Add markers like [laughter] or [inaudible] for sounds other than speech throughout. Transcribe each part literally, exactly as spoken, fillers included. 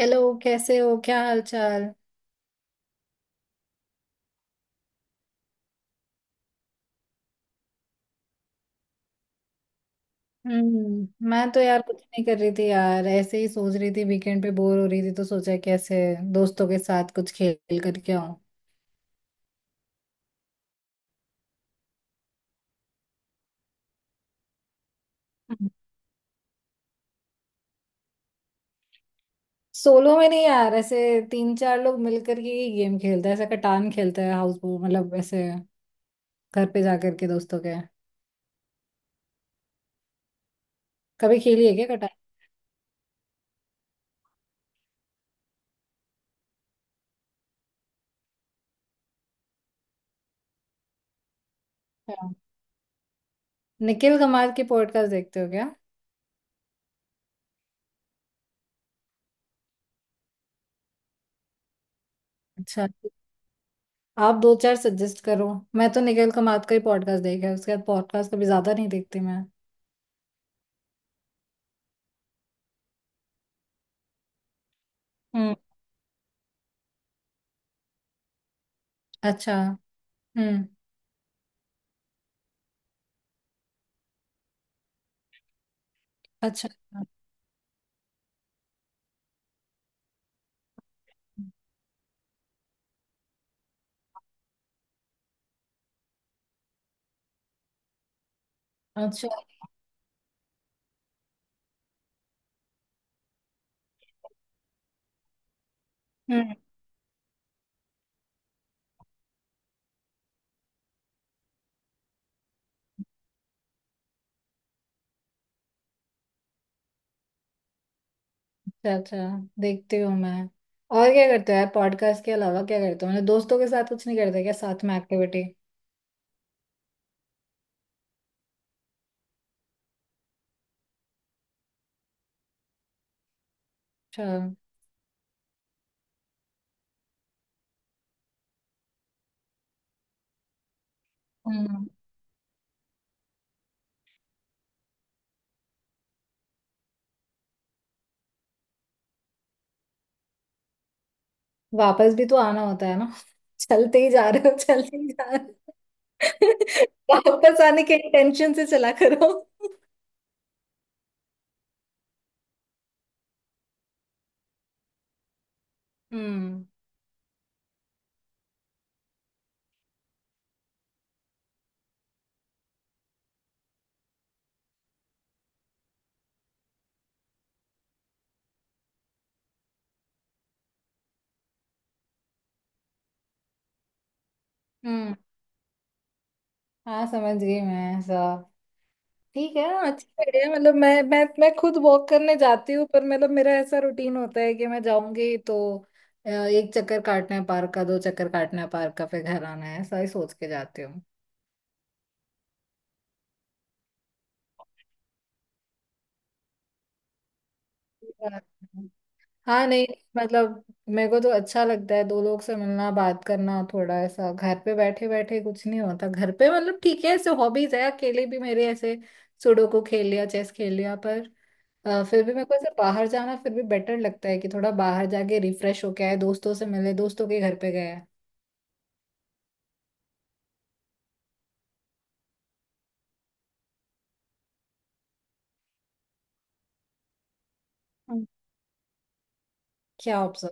Hello. कैसे हो? क्या हाल चाल? हम्म, मैं तो यार कुछ नहीं कर रही थी यार, ऐसे ही सोच रही थी। वीकेंड पे बोर हो रही थी तो सोचा, कैसे दोस्तों के साथ कुछ खेल करके आऊं। सोलो में नहीं यार, ऐसे तीन चार लोग मिल करके ही गेम खेलते हैं। ऐसा कटान खेलते हैं, हाउस, मतलब ऐसे घर पे जा करके दोस्तों के। कभी खेली है क्या कटान? हाँ। निखिल कमार की पॉडकास्ट देखते हो क्या? अच्छा, आप दो चार सजेस्ट करो। मैं तो निखिल कमार का ही पॉडकास्ट देखा है, उसके बाद पॉडकास्ट कभी ज्यादा नहीं देखती मैं। हम्म। अच्छा। हम्म। अच्छा अच्छा। हम्म। अच्छा अच्छा, देखती हूँ मैं। और क्या करते हो यार पॉडकास्ट के अलावा? क्या करते हो, मतलब दोस्तों के साथ कुछ नहीं करते क्या साथ में एक्टिविटी? अच्छा। हम्म। वापस भी तो आना होता है ना [laughs] चलते ही जा रहे हो, चलते ही जा रहे हो। [laughs] वापस आने के इंटेंशन से चला करो। [laughs] हम्म। हम्म, हाँ, समझ गई मैं ऐसा। ठीक है हाँ, अच्छी आइडिया। मतलब मैं मैं मैं खुद वॉक करने जाती हूँ, पर मतलब मेरा ऐसा रूटीन होता है कि मैं जाऊंगी तो अ, एक चक्कर काटना है पार्क का, दो चक्कर काटना है पार्क का, फिर घर आना है, ऐसा ही सोच के जाती हूँ। हाँ, नहीं, मतलब मेरे को तो अच्छा लगता है दो लोग से मिलना बात करना। थोड़ा ऐसा घर पे बैठे बैठे कुछ नहीं होता घर पे, मतलब ठीक है ऐसे हॉबीज है अकेले भी मेरे ऐसे, सुडोकू खेल लिया चेस खेल लिया, पर अ, फिर भी मेरे को ऐसे बाहर जाना फिर भी बेटर लगता है कि थोड़ा बाहर जाके रिफ्रेश होके आए, दोस्तों से मिले, दोस्तों के घर पे गए। हम्म। क्या ऑप्शन?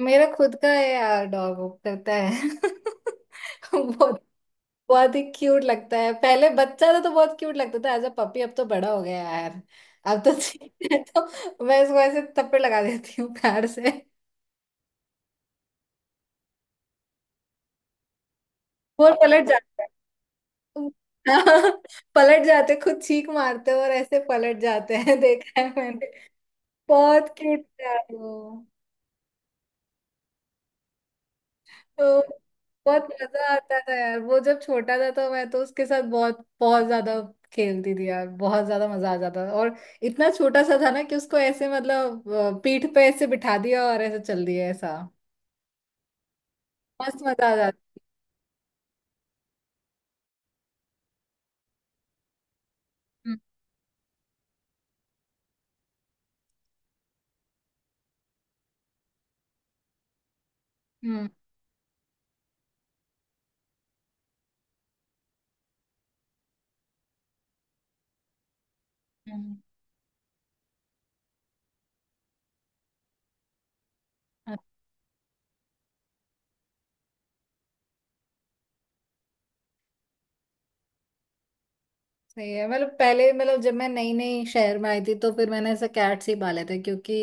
मेरा खुद का है यार डॉग, वो करता है [laughs] बहुत, बहुत ही क्यूट लगता है। पहले बच्चा था तो बहुत क्यूट लगता था एज अ पपी, अब तो बड़ा हो गया यार। अब तो [laughs] ठीक है, तो मैं इसको ऐसे थप्पड़ लगा देती हूँ प्यार से। वो पलट जाता है। [laughs] पलट जाते खुद, चीख मारते और ऐसे पलट जाते हैं [laughs] देखा है। बहुत क्यूट था वो। तो बहुत मजा आता था यार वो जब छोटा था, तो मैं तो उसके साथ बहुत, बहुत ज्यादा खेलती थी यार, बहुत ज्यादा मजा आ जाता था। और इतना छोटा सा था ना कि उसको ऐसे मतलब अ, पीठ पे ऐसे बिठा दिया और ऐसे चल दिया, ऐसा मस्त मजा आ जाता। हम्म। हम्म। हम्म। अच्छा। सही है, मतलब पहले, मतलब जब मैं नई नई शहर में आई थी तो फिर मैंने ऐसे कैट्स ही पाले थे, क्योंकि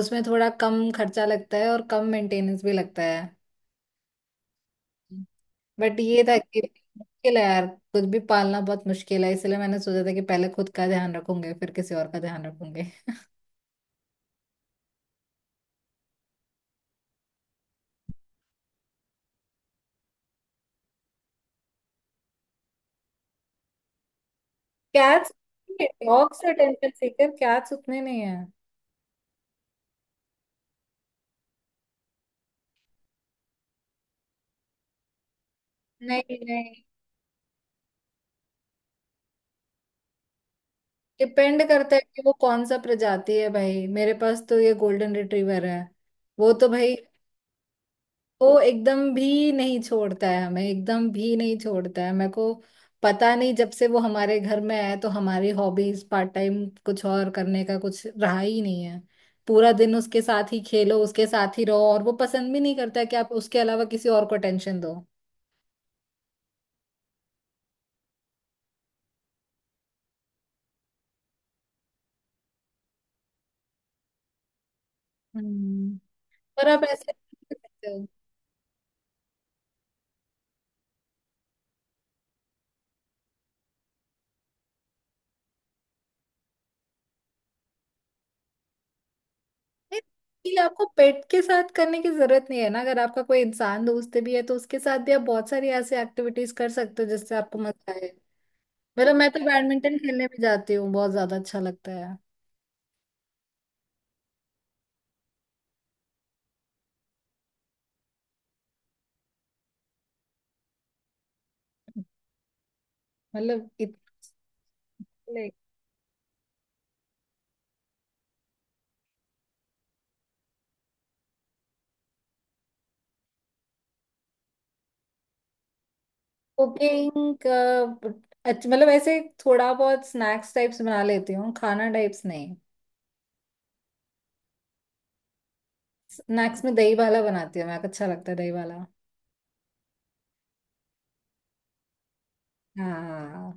उसमें थोड़ा कम खर्चा लगता है और कम मेंटेनेंस भी लगता है। बट ये था कि मुश्किल है यार, कुछ भी पालना बहुत मुश्किल है, इसलिए मैंने सोचा था कि पहले खुद का ध्यान रखूंगे फिर किसी और का ध्यान रखूंगे। कैट्स, डॉग से अटेंशन सीकर कैट्स उतने नहीं है। नहीं, नहीं, डिपेंड करता है कि वो कौन सा प्रजाति है भाई, मेरे पास तो ये गोल्डन रिट्रीवर है। वो तो भाई, वो एकदम भी नहीं छोड़ता है हमें, एकदम भी नहीं छोड़ता है मेरे को। पता नहीं जब से वो हमारे घर में आया तो हमारी हॉबीज पार्ट टाइम कुछ और करने का कुछ रहा ही नहीं है। पूरा दिन उसके साथ ही खेलो, उसके साथ ही रहो, और वो पसंद भी नहीं करता है कि आप उसके अलावा किसी और को टेंशन दो। हम्म। पर आप ऐसे नहीं कर सकते हो। नहीं, ये आपको पेट के साथ करने की जरूरत नहीं है ना, अगर आपका कोई इंसान दोस्त भी है तो उसके साथ भी आप बहुत सारी ऐसे एक्टिविटीज कर सकते हो जिससे आपको मजा आए। मतलब मैं तो बैडमिंटन खेलने भी जाती हूँ, बहुत ज्यादा अच्छा लगता है। मतलब, लाइक, कुकिंग का? अच्छा, मतलब ऐसे थोड़ा बहुत स्नैक्स टाइप्स बना लेती हूँ, खाना टाइप्स नहीं। स्नैक्स में दही वाला बनाती हूँ मैं, अच्छा लगता है दही वाला। हाँ।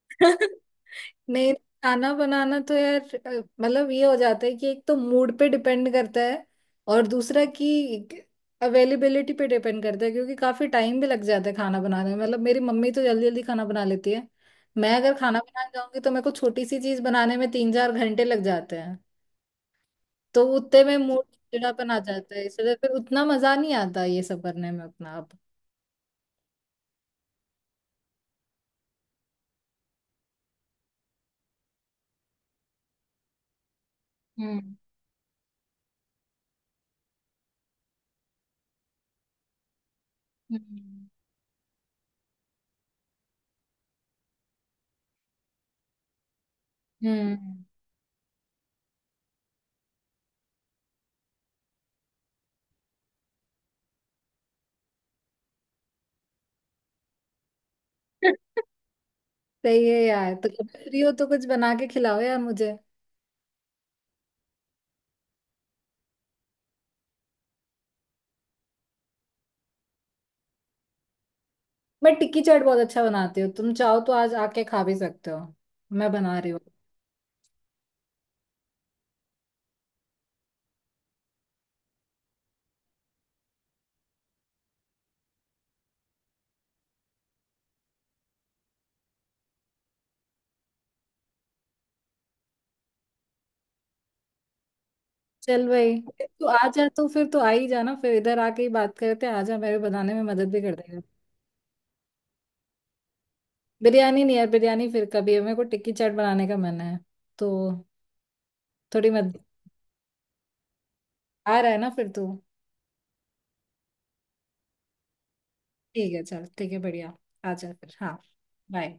[laughs] नहीं, खाना बनाना तो यार अ, मतलब ये हो जाता है कि एक तो मूड पे डिपेंड करता है, और दूसरा कि अवेलेबिलिटी पे डिपेंड करता है, क्योंकि काफी टाइम भी लग जाता है खाना बनाने में। मतलब मेरी मम्मी तो जल्दी जल्दी खाना बना लेती है, मैं अगर खाना बनाने जाऊंगी तो मेरे को छोटी सी चीज बनाने में तीन चार घंटे लग जाते हैं। तो उतने में मूड चिड़ापन आ जाता है, इसलिए फिर उतना मजा नहीं आता ये सब करने में अपना आप। हम्म। हम्म। हम्म, सही है यार, तो कब फ्री हो तो कुछ बना के खिलाओ यार मुझे। मैं टिक्की चाट बहुत अच्छा बनाती हूँ, तुम चाहो तो आज आके खा भी सकते हो, मैं बना रही हूँ। चल भाई, तू आ जा तो फिर तो आ ही जाना, फिर इधर आके ही बात करते हैं, आ जा, मेरे बनाने में मदद भी कर देगा। बिरयानी नहीं यार, बिरयानी फिर कभी, है मेरे को टिक्की चाट बनाने का मन है, तो थोड़ी मदद। आ रहा है ना फिर तू? ठीक है, चल ठीक है, बढ़िया। आ जा फिर, हाँ। बाय।